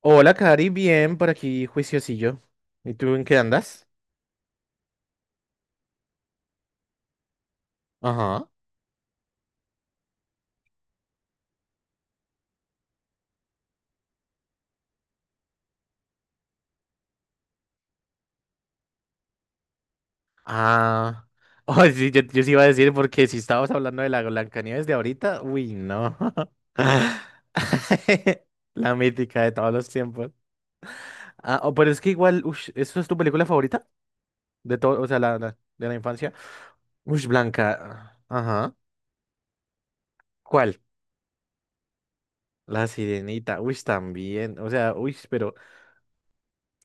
Hola, Cari, bien, por aquí, juiciosillo. ¿Y tú en qué andas? Ajá. Ah. Oh, sí, yo sí iba a decir, porque si estábamos hablando de la Blancanieves de ahorita, uy, no. La mítica de todos los tiempos. Ah, oh, pero es que igual, ush, ¿eso es tu película favorita? De todo, o sea, de la infancia. ¡Ush, Blanca! Ajá. ¿Cuál? La Sirenita. Uy, también. O sea, uy, pero.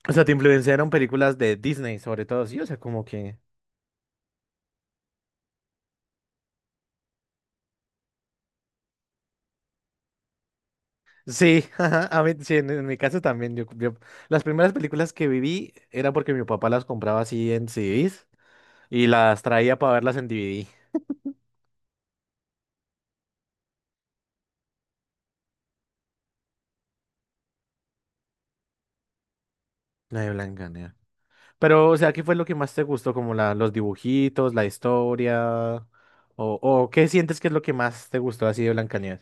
O sea, te influenciaron películas de Disney, sobre todo, sí. O sea, como que. Sí, ajá, a mí, sí, en mi caso también. Las primeras películas que viví era porque mi papá las compraba así en CDs y las traía para verlas en DVD. La de Blancanieves. Pero, o sea, ¿qué fue lo que más te gustó? Como la, los dibujitos, la historia, o ¿qué sientes que es lo que más te gustó así de Blancanieves?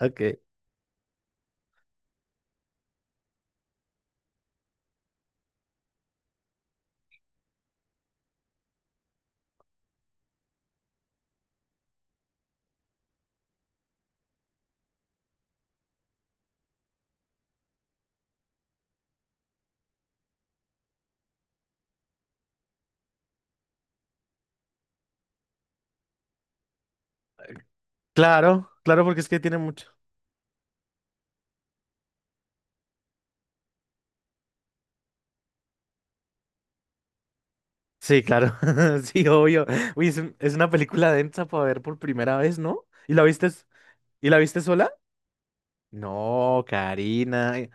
Okay. Claro, claro, porque es que tiene mucho. Sí, claro, sí, obvio. Uy, es, un- es una película densa para ver por primera vez, ¿no? ¿Y la viste, y la viste sola? No, Karina.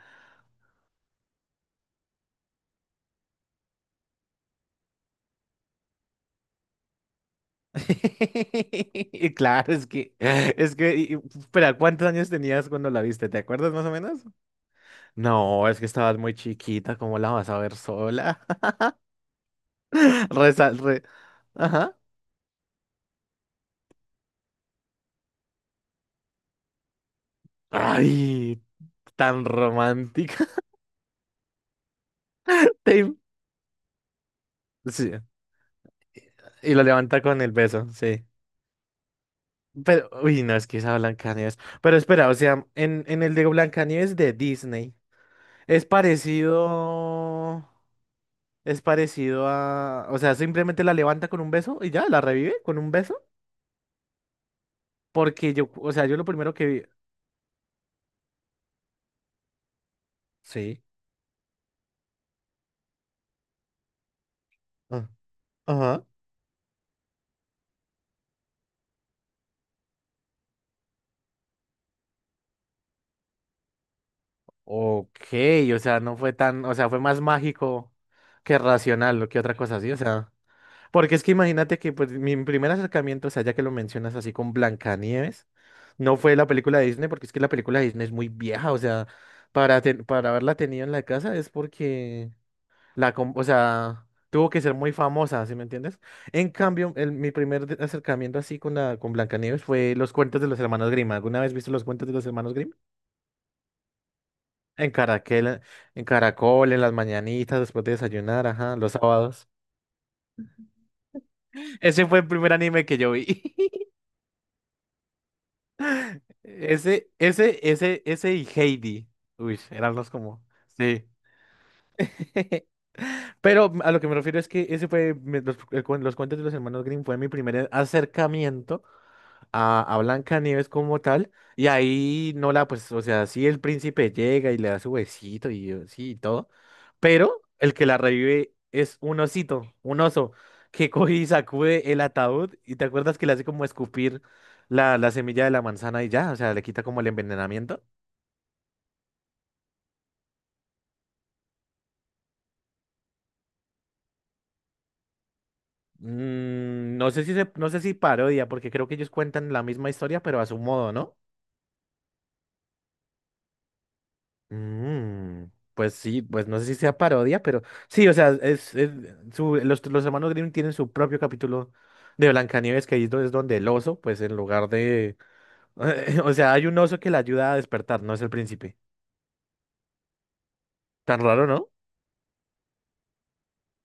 Claro, espera, ¿cuántos años tenías cuando la viste? ¿Te acuerdas más o menos? No, es que estabas muy chiquita, ¿cómo la vas a ver sola? Reza, Ajá. Ay, tan romántica. Te- Sí. Y lo levanta con el beso, sí. Pero, uy, no, es que esa Blancanieves. Pero espera, o sea, en el de Blancanieves de Disney, es parecido. Es parecido a, o sea, simplemente la levanta con un beso y ya, la revive con un beso. Porque yo, o sea, yo lo primero que vi. Sí. Ah, ajá. Ok, o sea, no fue tan, o sea, fue más mágico que racional, lo que otra cosa así, o sea. Porque es que imagínate que pues mi primer acercamiento, o sea, ya que lo mencionas así con Blancanieves, no fue la película de Disney, porque es que la película de Disney es muy vieja, o sea, para, para haberla tenido en la casa es porque la, o sea, tuvo que ser muy famosa, ¿sí me entiendes? En cambio, mi primer acercamiento así con la con Blancanieves fue los cuentos de los hermanos Grimm. ¿Alguna vez viste los cuentos de los hermanos Grimm? En Caracol, en Caracol, en las mañanitas, después de desayunar, ajá, los sábados. Ese fue el primer anime que yo vi. Ese y Heidi. Uy, eran los como, sí. Pero a lo que me refiero es que ese fue, los cuentos de los hermanos Grimm fue mi primer acercamiento a Blancanieves como tal, y ahí no la, pues, o sea, sí el príncipe llega y le da su besito y sí y todo, pero el que la revive es un osito, un oso, que coge y sacude el ataúd, y te acuerdas que le hace como escupir la, la semilla de la manzana y ya, o sea, le quita como el envenenamiento. Mm, no sé si parodia, porque creo que ellos cuentan la misma historia, pero a su modo, ¿no? Mm, pues sí, pues no sé si sea parodia, pero sí, o sea, es los hermanos Grimm tienen su propio capítulo de Blancanieves, que ahí es donde el oso, pues en lugar de... O sea, hay un oso que la ayuda a despertar, no es el príncipe. Tan raro, ¿no?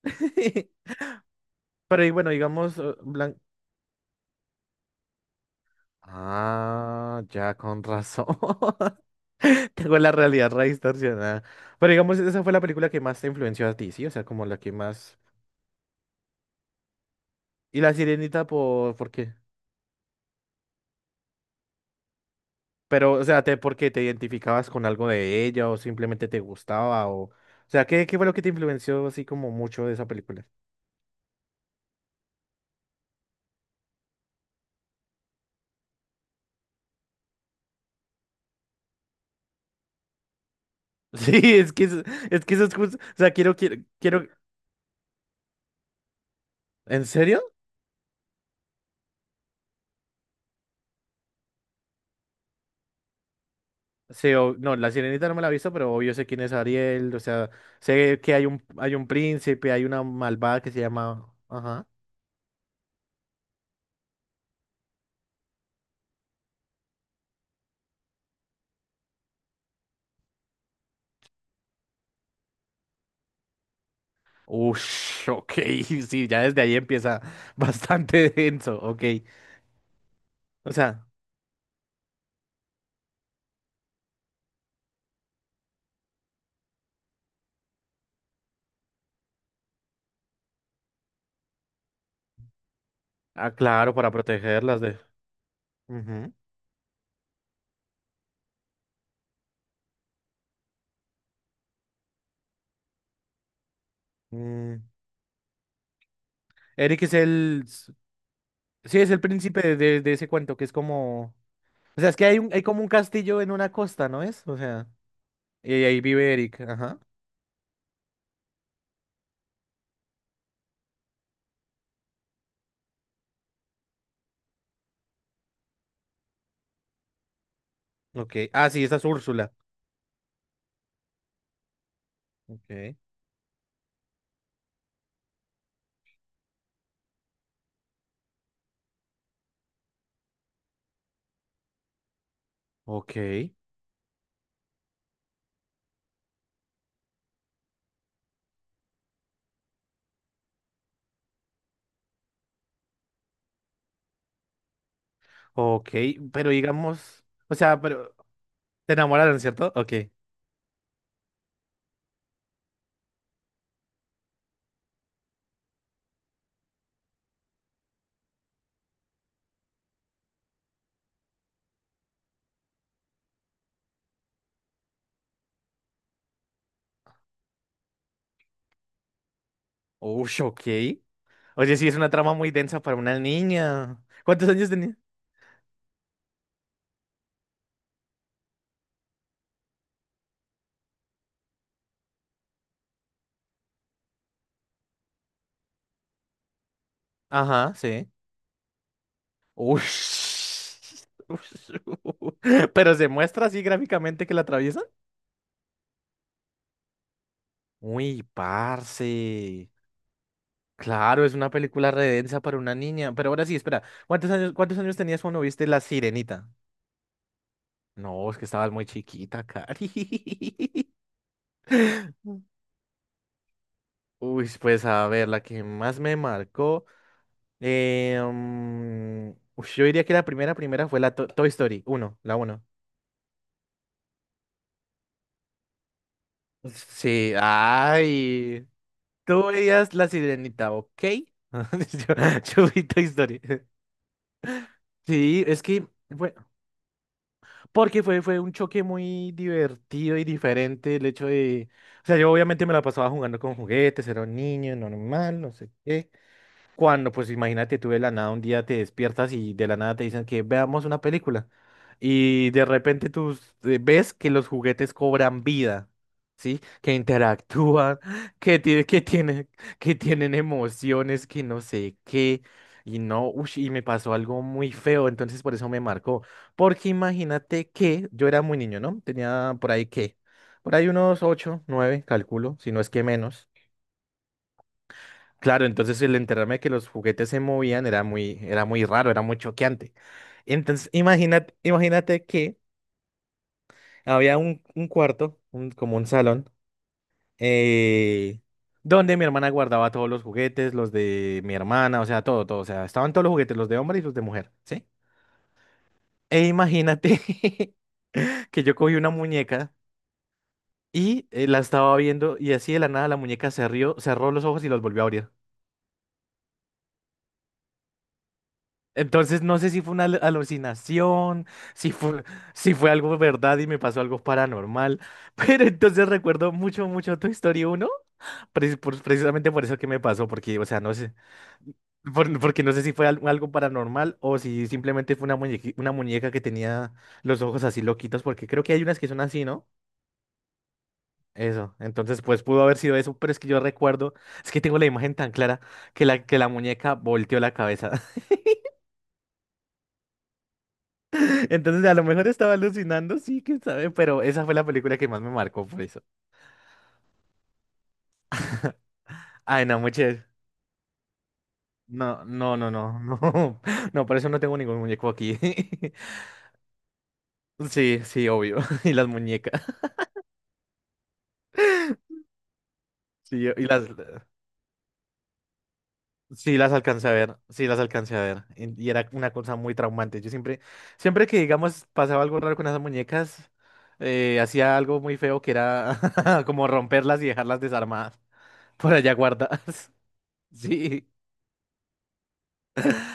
Pero y bueno, digamos, Blan... Ah, ya con razón. Tengo la realidad re distorsionada. Pero digamos, esa fue la película que más te influenció a ti, ¿sí? O sea, como la que más... ¿Y la Sirenita por qué? Pero, o sea, te, porque te identificabas con algo de ella o simplemente te gustaba o... O sea, qué fue lo que te influenció así como mucho de esa película? Sí, es que eso, es que eso es justo... O sea, quiero... ¿En serio? Sí, no, La Sirenita no me la he visto, pero obvio sé quién es Ariel, o sea, sé que hay hay un príncipe, hay una malvada que se llama... Ajá. Ush, ok, sí, ya desde ahí empieza bastante denso, ok. O sea, ah, claro, para protegerlas de... Ujú. Mm. Eric es el... Sí, es el príncipe de, de ese cuento, que es como... O sea, es que hay, un, hay como un castillo en una costa, ¿no es? O sea, y ahí vive Eric. Ajá. Ok. Ah, sí, esa es Úrsula. Ok. Ok. Ok. Pero digamos... O sea, pero... Te enamoraron, ¿cierto? Ok. Ush, ok. Oye, sí, es una trama muy densa para una niña. ¿Cuántos años tenía? Ajá, sí. Ush. Pero se muestra así gráficamente que la atraviesa. Uy, parce. Claro, es una película redensa para una niña. Pero ahora sí, espera. Cuántos años tenías cuando viste La Sirenita? No, es que estabas muy chiquita, Cari. Uy, pues a ver, la que más me marcó. eh, mm, ush, yo diría que la primera, primera fue Toy Story uno la uno. Sí, ay. Tú veías La Sirenita, ¿ok? Yo, yo vi Toy Story. Sí, es que bueno, porque fue, fue un choque muy divertido y diferente el hecho de, o sea, yo obviamente me la pasaba jugando con juguetes, era un niño, normal, no sé qué, cuando, pues imagínate, tú de la nada un día te despiertas y de la nada te dicen que veamos una película y de repente ves que los juguetes cobran vida, ¿sí? Que interactúan, tienen, que tienen emociones, que no sé qué. Y no, ush, y me pasó algo muy feo, entonces por eso me marcó. Porque imagínate que yo era muy niño, ¿no? Tenía por ahí qué, por ahí unos ocho, nueve, calculo, si no es que menos. Claro, entonces el enterarme de que los juguetes se movían era muy raro, era muy choqueante. Entonces, imagínate, imagínate que había un cuarto, como un salón, eh, donde mi hermana guardaba todos los juguetes, los de mi hermana, o sea, todo, todo. O sea, estaban todos los juguetes, los de hombre y los de mujer, ¿sí? E imagínate que yo cogí una muñeca y la estaba viendo y así de la nada la muñeca se rió, cerró los ojos y los volvió a abrir. Entonces no sé si fue una alucinación, si fue, si fue algo verdad y me pasó algo paranormal, pero entonces recuerdo mucho, mucho tu historia uno, precisamente por eso que me pasó, porque, o sea, no sé, porque no sé si fue algo paranormal o si simplemente fue una una muñeca que tenía los ojos así loquitos, porque creo que hay unas que son así, ¿no? Eso, entonces pues pudo haber sido eso, pero es que yo recuerdo, es que tengo la imagen tan clara que la muñeca volteó la cabeza. Entonces, a lo mejor estaba alucinando, sí, quién sabe, pero esa fue la película que más me marcó por eso. Ay, no, muchachos. No, no, no, no, no. No, por eso no tengo ningún muñeco aquí. Sí, sí, obvio. Y las muñecas. Sí, y las. Sí, las alcancé a ver. Sí, las alcancé a ver. Y era una cosa muy traumante. Yo siempre, siempre que, digamos, pasaba algo raro con esas muñecas, hacía algo muy feo que era como romperlas y dejarlas desarmadas por allá guardadas. Sí.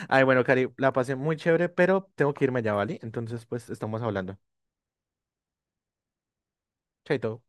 Ay, bueno, Cari, la pasé muy chévere, pero tengo que irme ya, ¿vale? Entonces, pues estamos hablando. Chaito.